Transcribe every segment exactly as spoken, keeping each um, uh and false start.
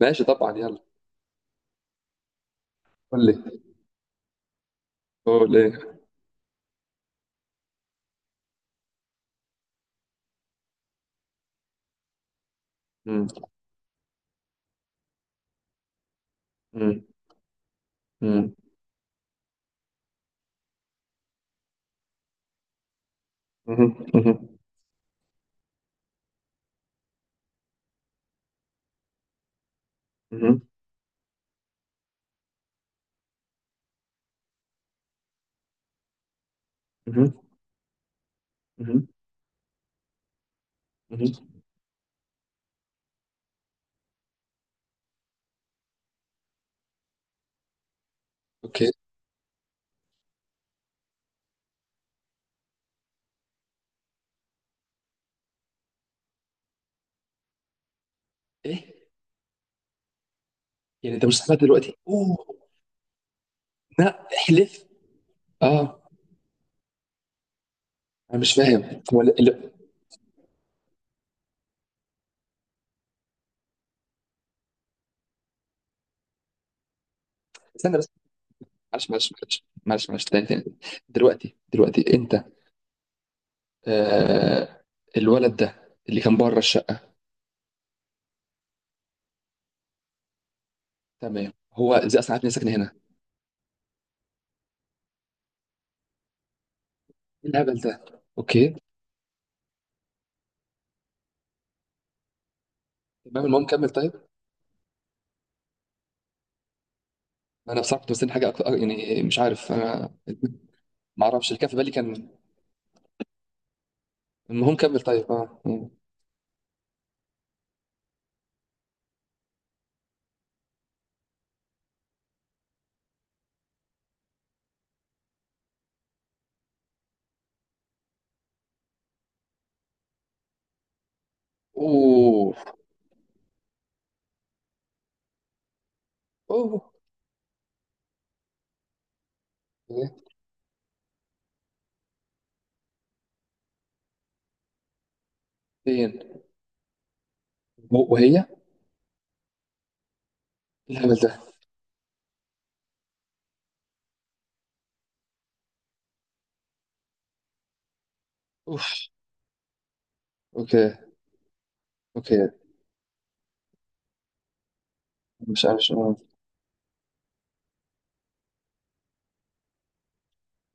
ماشي طبعا، يلا قول لي. قول ايه؟ مم. مم. مم. مهم. مهم. مهم. مهم. مهم. مهم. اوكي. ايه يعني، انت مش سامع دلوقتي؟ اوه، لا احلف. اه، انا مش فاهم هو ال- ال- استنى بس. معلش معلش معلش معلش معلش، تاني تاني. دلوقتي دلوقتي انت، آه، الولد ده اللي كان بره الشقه؟ تمام، هو ازاي اصلا عارف اني ساكن هنا؟ ايه الهبل ده؟ اوكي. تمام، المهم كمل طيب. انا بصراحه كنت مستني حاجه اكتر، يعني مش عارف انا. ما اعرفش اللي كان في بالي كان. المهم كمل طيب. اه. مم. اوه. اوه. إيه؟ فين؟ و- وهي إيه؟ الهبل ده. اوف. اوكي. اوكي. مش عارف شو.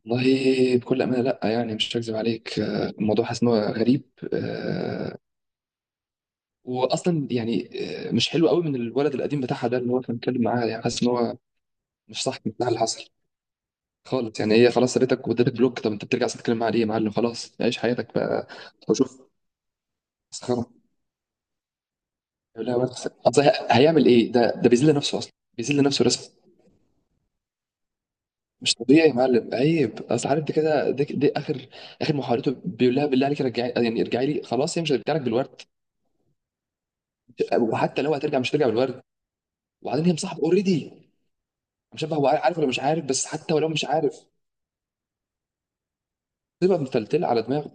والله بكل امانه لا، يعني مش هكذب عليك. آه، الموضوع حاسس ان هو غريب. آه، واصلا يعني، آه، مش حلو قوي من الولد القديم بتاعها ده اللي هو كان بيتكلم معاها. يعني حاسس ان هو مش صح بتاع اللي حصل خالص. يعني هي خلاص سابتك وادتك بلوك، طب انت بترجع تتكلم معاها ليه يا معلم؟ خلاص عيش حياتك بقى وشوف. مسخره. لا بس اصل هي- هيعمل ايه ده؟ ده بيذل نفسه اصلا. بيذل نفسه رسم. مش طبيعي يا معلم، عيب. اصل عارف دي كده، دي, دي اخر اخر محاولته، بيقول لها بالله عليك رجعي، يعني ارجعي لي. خلاص هي مش هترجع لك بالورد. وحتى لو هترجع مش هترجع بالورد. وبعدين هي مصاحبه اوريدي. مش عارف هو عارف ولا مش عارف، بس حتى ولو مش عارف تبقى متلتله على دماغه.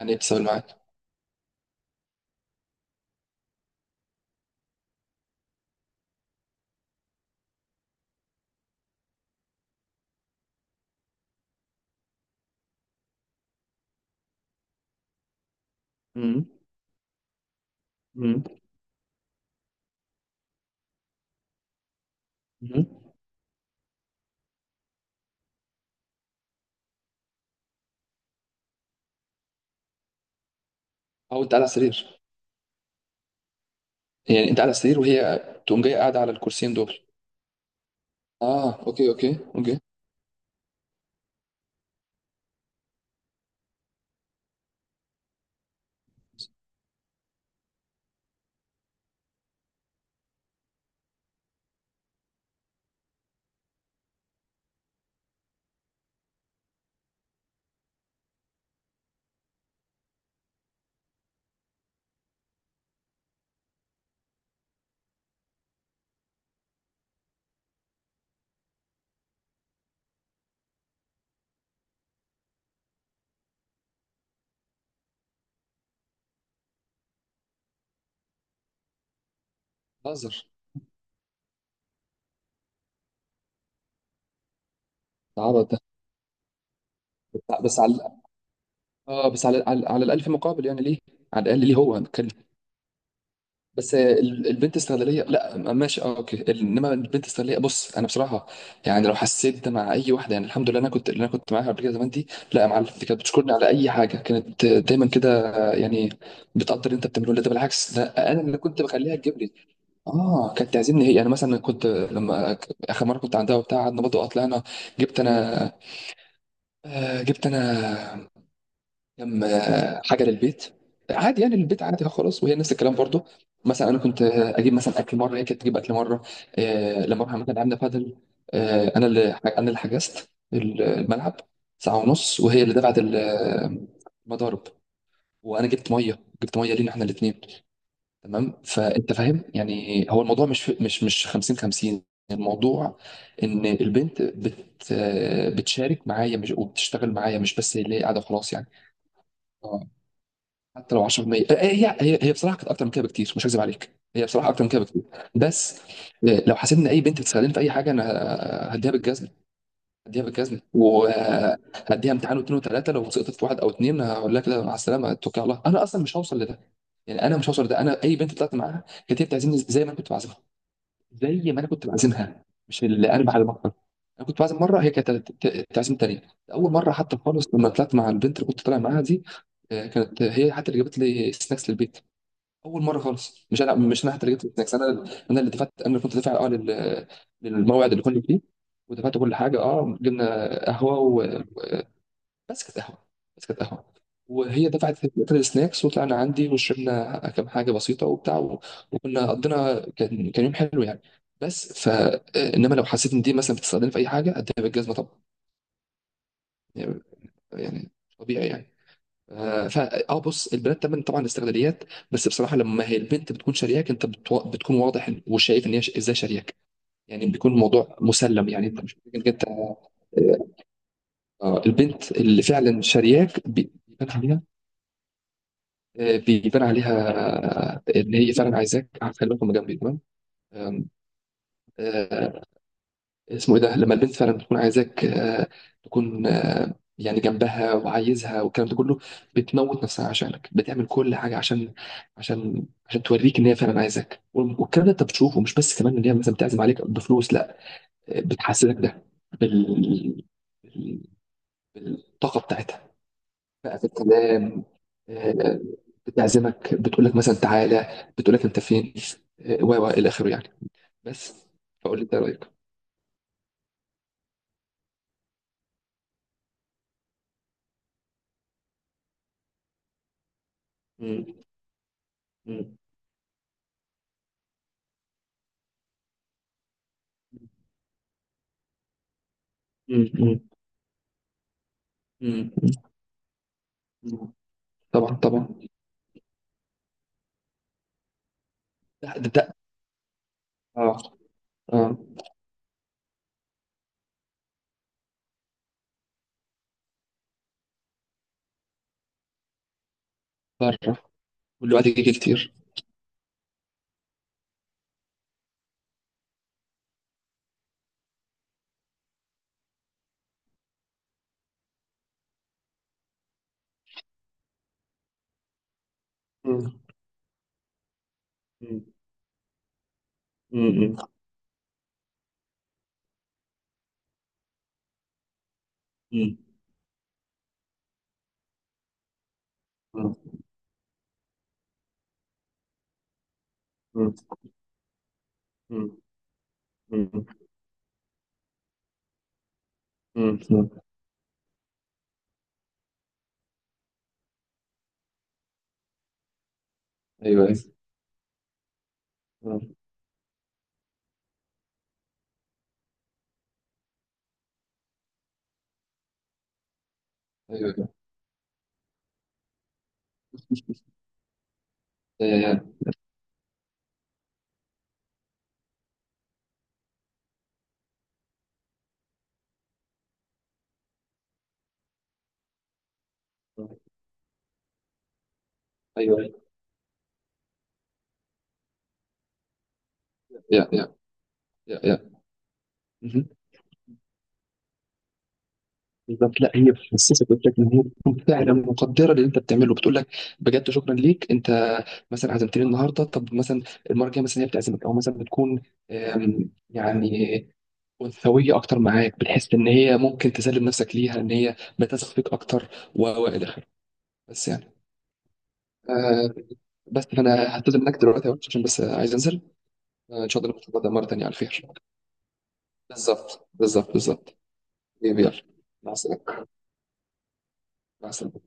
يعني ايه بتسوي معاك؟ امم. امم. امم. او انت قاعد على السرير؟ يعني انت قاعد على السرير وهي تقوم جايه قاعده على الكرسيين دول؟ اه اوكي اوكي اوكي. بتهزر. ده عبط ده. بس على، اه بس على على، على الألف مقابل، يعني ليه؟ على الأقل ليه هو نتكلم؟ بس آه، ال- البنت استغلالية، لا م- ماشي اه اوكي. ال- انما البنت استغلالية، بص انا بصراحة، يعني لو حسيت ده مع اي واحدة، يعني الحمد لله انا كنت اللي انا كنت معاها قبل كده زمان دي. لا يا معلم، دي كانت بتشكرني على اي حاجة كانت، آه، دايما كده، آه، يعني بتقدر اللي انت بتعمله. لا ده بالعكس، ده انا اللي كنت بخليها تجيب لي. اه كانت تعزمني هي، يعني مثلا كنت لما اخر مرة كنت عندها وبتاع قعدنا برضه، طلعنا، جبت انا، آه، جبت انا كم، آه، حاجه للبيت عادي، يعني البيت عادي خلاص. وهي نفس الكلام برضو، مثلا انا كنت، آه، اجيب مثلا اكل مره هي كانت تجيب اكل مره. آه، لما رحنا مثلا لعبنا بادل، آه، انا اللي انا اللي حجزت الملعب ساعه ونص وهي اللي دفعت المضارب. وانا جبت ميه، جبت ميه لينا احنا الاثنين. تمام، فانت فاهم يعني هو الموضوع مش مش مش خمسين 50. الموضوع ان البنت بت، آه، بتشارك معايا، مش وبتشتغل معايا، مش بس هي اللي هي قاعده خلاص يعني. حتى لو عشرة بالمية، آه، هي هي هي بصراحه كانت اكتر من كده بكتير، مش هكذب عليك. هي بصراحه اكتر من كده بكتير. بس آه، لو حسيت ان اي بنت بتستخدمني في اي حاجه، انا آه، هديها بالجزمه. هديها بالجزمه وهديها امتحان واثنين وثلاثه، لو سقطت في واحد او اثنين هقول لها كده مع السلامه اتوكل على الله. انا اصلا مش هوصل لده، يعني انا مش هوصل لده. انا اي بنت طلعت معاها كانت هي بتعزمني زي ما انا كنت بعزمها. زي ما انا كنت بعزمها، مش اللي قلب على بطل. انا كنت بعزم مره هي كانت ت- ت- تعزم تانية. اول مره حتى خالص لما طلعت مع البنت اللي كنت طالع معاها دي، آه، كانت هي حتى اللي جابت لي سناكس للبيت. اول مره خالص، مش انا، مش انا حتى اللي جبت السناكس انا. انا اللي دفعت، انا اللي كنت دافع اه لل- للموعد اللي كنا فيه. ودفعت كل حاجه، اه جبنا قهوه، بس كانت قهوه، بس كانت قهوه. وهي دفعت لقيت السناكس وطلعنا عندي وشربنا كام حاجه بسيطه وبتاع و- وكنا قضينا، كان كان يوم حلو يعني. بس ف، انما لو حسيت ان دي مثلا بتستخدمني في اي حاجه اديها بالجزمه طبعا، يعني، يعني، طبيعي يعني. آه، فا اه بص البنات طبعا طبعا استغلاليات، بس بصراحه لما هي البنت بتكون شارياك انت بتو... بتكون واضح وشايف ان هي ش- ازاي شارياك. يعني بيكون الموضوع مسلم، يعني انت مش محتاج انك انت، آه، البنت اللي فعلا شارياك بيبان عليها. آه، بيبان عليها. آه، ان هي فعلا عايزاك. آه، خلي بالك هما جنبي، تمام. آم، آه، اسمه ايه ده لما البنت فعلا بتكون عايزاك، آه، تكون آه، يعني جنبها وعايزها والكلام ده كله. بتموت نفسها عشانك، بتعمل كل حاجه عشان عشان عشان توريك ان هي فعلا عايزاك. والكلام ده انت بتشوفه مش بس كمان ان هي مثلا بتعزم عليك بفلوس، لا آه، بتحسسك ده بال بال- بالطاقه بتاعتها بقى في الكلام. آه، بتعزمك بتقول لك مثلا تعالى، بتقول لك انت فين، آه، و و الى اخره يعني. بس فقول لي انت رايك. مم. مم. مم. مم. مم. مم. طبعا طبعا. ده ده ده. اه اه. بره. والوقت يجي كتير. مم. مم. مم. مم. مم. مم. مم. مم. مم. مم. ايوه ايوه. مم. ايوه ايوه. يا- يا- يا- ايوه يا يا، يا يا. مهم. بالظبط، لا هي بتحسسك، قلت لك ان هي بتكون فعلا مقدره للي انت بتعمله، بتقول لك بجد شكرا ليك انت. مثلا عزمتني النهارده، طب مثلا المره الجايه مثلا هي بتعزمك، او مثلا بتكون آم، يعني انثويه اكتر معاك. بتحس ان هي ممكن تسلم نفسك ليها، ان هي بتثق فيك اكتر و و الى اخره. بس يعني، آه، بس فانا هعتذر منك دلوقتي يا وحش عشان بس عايز انزل. آه، ان شاء الله نتفق ده مره تانيه على خير. بالظبط بالظبط بالظبط. يلا، مع السلامه. مع السلامه.